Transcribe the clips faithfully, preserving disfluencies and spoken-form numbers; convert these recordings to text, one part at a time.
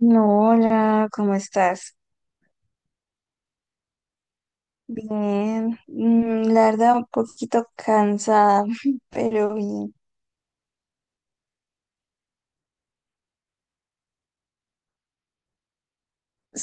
No, hola, ¿cómo estás? Bien, mm, la verdad un poquito cansada, pero bien.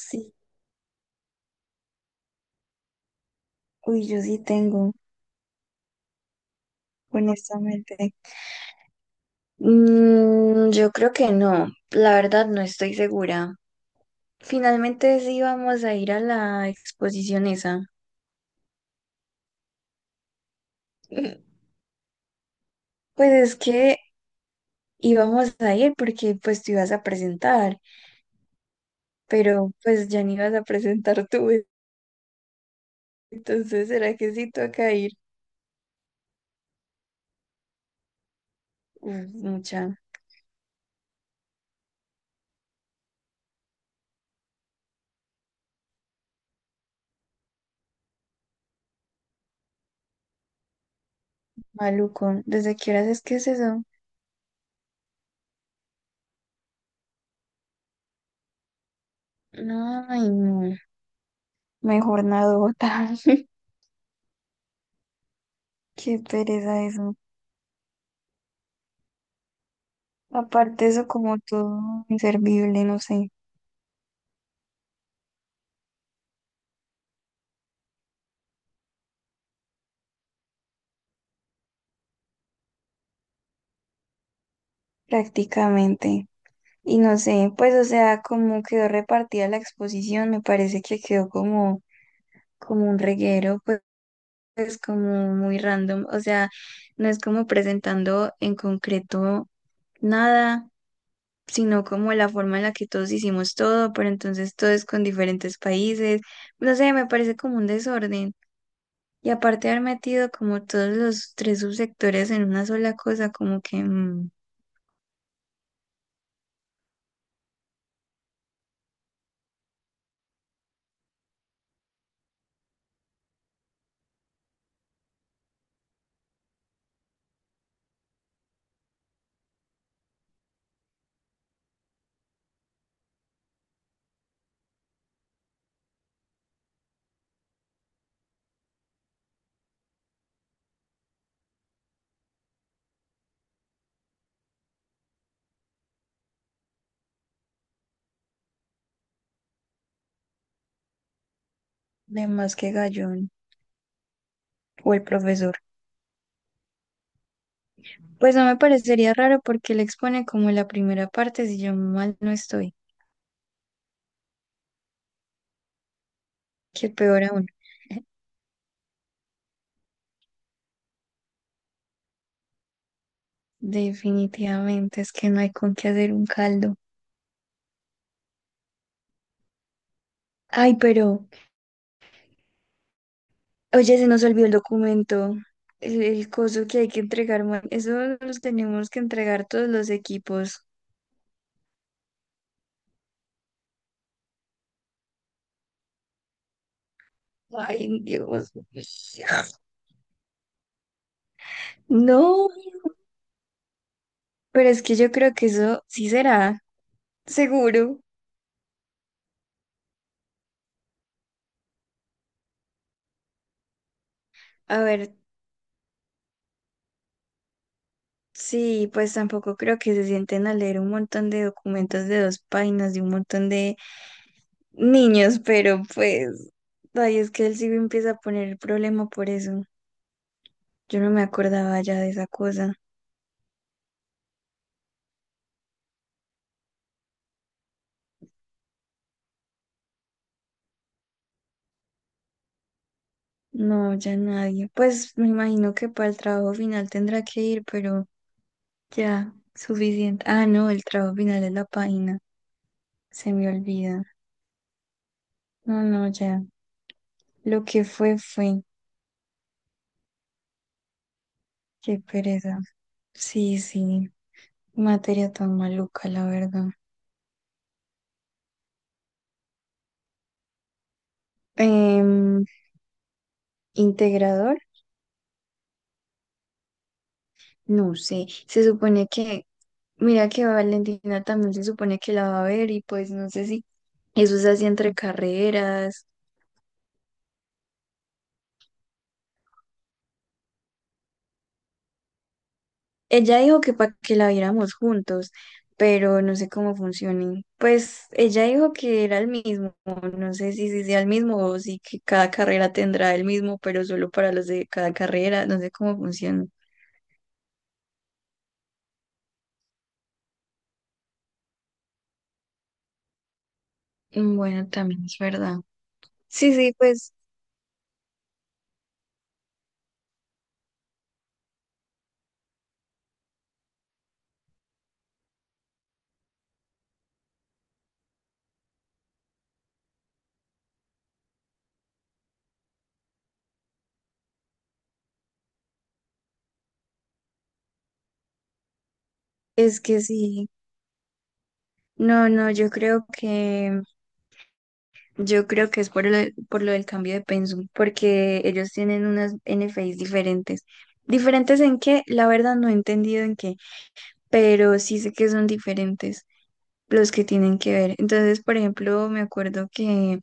Sí, uy, yo sí tengo, honestamente. Mm, yo creo que no, la verdad no estoy segura. Finalmente sí vamos a ir a la exposición esa. Pues es que íbamos a ir porque pues tú ibas a presentar, pero pues ya ni ibas a presentar tú, entonces, ¿será que sí toca ir? Uf, mucha. Maluco, ¿desde qué horas es que es eso? No, ay, no. Mejor nadota. Qué pereza eso. Aparte eso como todo inservible, no sé, prácticamente. Y no sé, pues o sea, como quedó repartida la exposición, me parece que quedó como, como un reguero, pues, pues como muy random. O sea, no es como presentando en concreto nada, sino como la forma en la que todos hicimos todo, pero entonces todo es con diferentes países. No sé, me parece como un desorden. Y aparte de haber metido como todos los tres subsectores en una sola cosa, como que mm, de más que Gallón o el profesor. Pues no me parecería raro porque él expone como la primera parte, si yo mal no estoy, que peor aún. Definitivamente es que no hay con qué hacer un caldo. Ay, pero oye, se nos olvidó el documento, el, el coso que hay que entregar, man. Eso los tenemos que entregar todos los equipos. Ay, Dios. No, pero es que yo creo que eso sí será, seguro. A ver, sí, pues tampoco creo que se sienten a leer un montón de documentos de dos páginas de un montón de niños, pero pues, ay, es que él sí me empieza a poner el problema por eso. Yo no me acordaba ya de esa cosa. No, ya nadie. Pues me imagino que para el trabajo final tendrá que ir, pero ya, suficiente. Ah, no, el trabajo final es la página. Se me olvida. No, no, ya. Lo que fue, fue. Qué pereza. Sí, sí. Materia tan maluca, la verdad. Em, ¿integrador? No sé. Se supone que, mira que Valentina también se supone que la va a ver y pues no sé si eso es así entre carreras. Ella dijo que para que la viéramos juntos, pero no sé cómo funcione. Pues ella dijo que era el mismo, no sé si, si sea el mismo o si que cada carrera tendrá el mismo, pero solo para los de cada carrera, no sé cómo funciona. Mm, Bueno, también es verdad. Sí, sí, pues es que sí. No, no, yo creo que yo creo que es por lo, por lo del cambio de pensum, porque ellos tienen unas N F Is diferentes. ¿Diferentes en qué? La verdad no he entendido en qué, pero sí sé que son diferentes los que tienen que ver. Entonces, por ejemplo, me acuerdo que,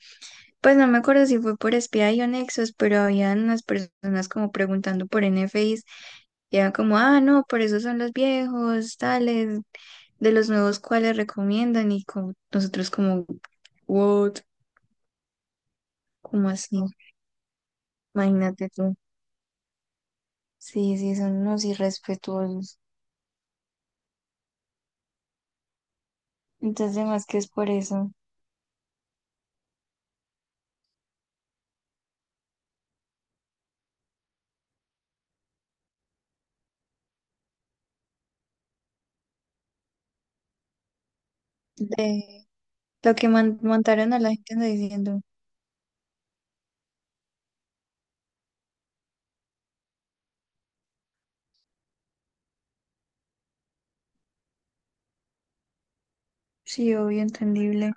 pues no me acuerdo si fue por S P I o Nexus, pero habían unas personas como preguntando por N NFIs y era como, ah, no, por eso son los viejos, tales, de los nuevos cuáles recomiendan y como nosotros como, what, como así, imagínate tú. Sí, sí, son unos irrespetuosos. Entonces, más que es por eso, de lo que man- montaron a la gente no diciendo. Sí, obvio, entendible.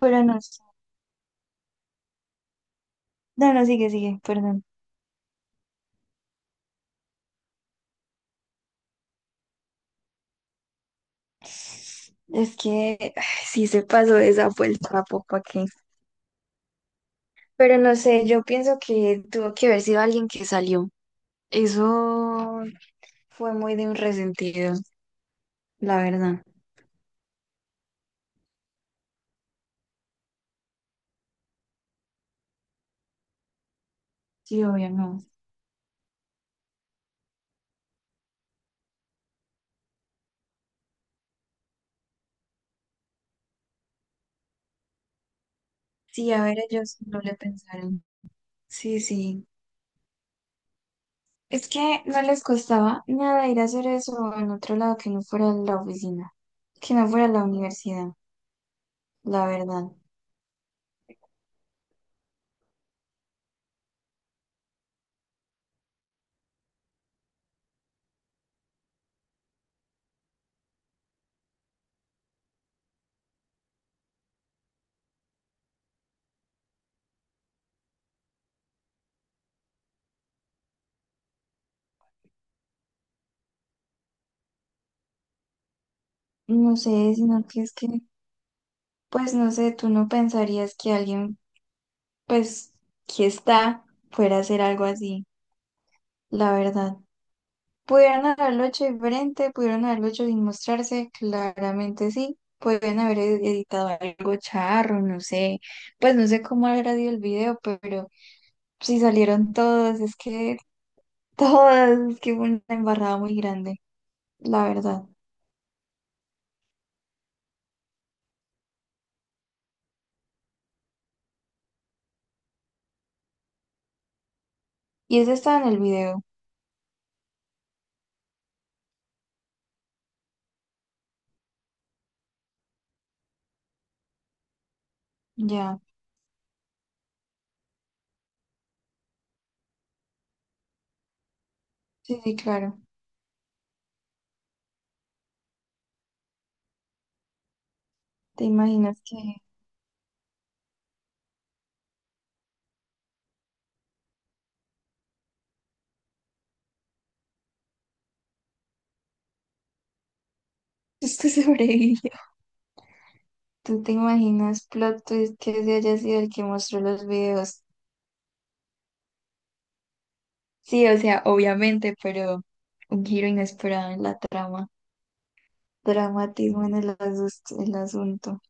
Pero no, sé. No, no, sigue, sigue, perdón. Es que ay, sí se pasó de esa vuelta, ¿para qué? Pero no sé, yo pienso que tuvo que haber sido alguien que salió. Eso fue muy de un resentido, la verdad. Sí, obvio, no. Sí, a ver, ellos no le pensaron. Sí, sí. Es que no les costaba nada ir a hacer eso en otro lado que no fuera la oficina, que no fuera la universidad, la verdad. No sé, sino que es que pues no sé, tú no pensarías que alguien, pues, que está, fuera a hacer algo así, la verdad. ¿Pudieron haberlo hecho diferente? ¿Pudieron haberlo hecho sin mostrarse? Claramente sí. Pueden haber e- editado algo charro, no sé. Pues no sé cómo habrá sido el video, pero si salieron todos, es que todas, es que hubo una embarrada muy grande, la verdad. Y eso estaba en el video, ya. Sí, sí, claro. ¿Te imaginas que esto sobrevive? ¿Tú te imaginas plot twist que ese haya sido el que mostró los videos? Sí, o sea, obviamente, pero un giro inesperado en la trama. Dramatismo en el, asus- el asunto.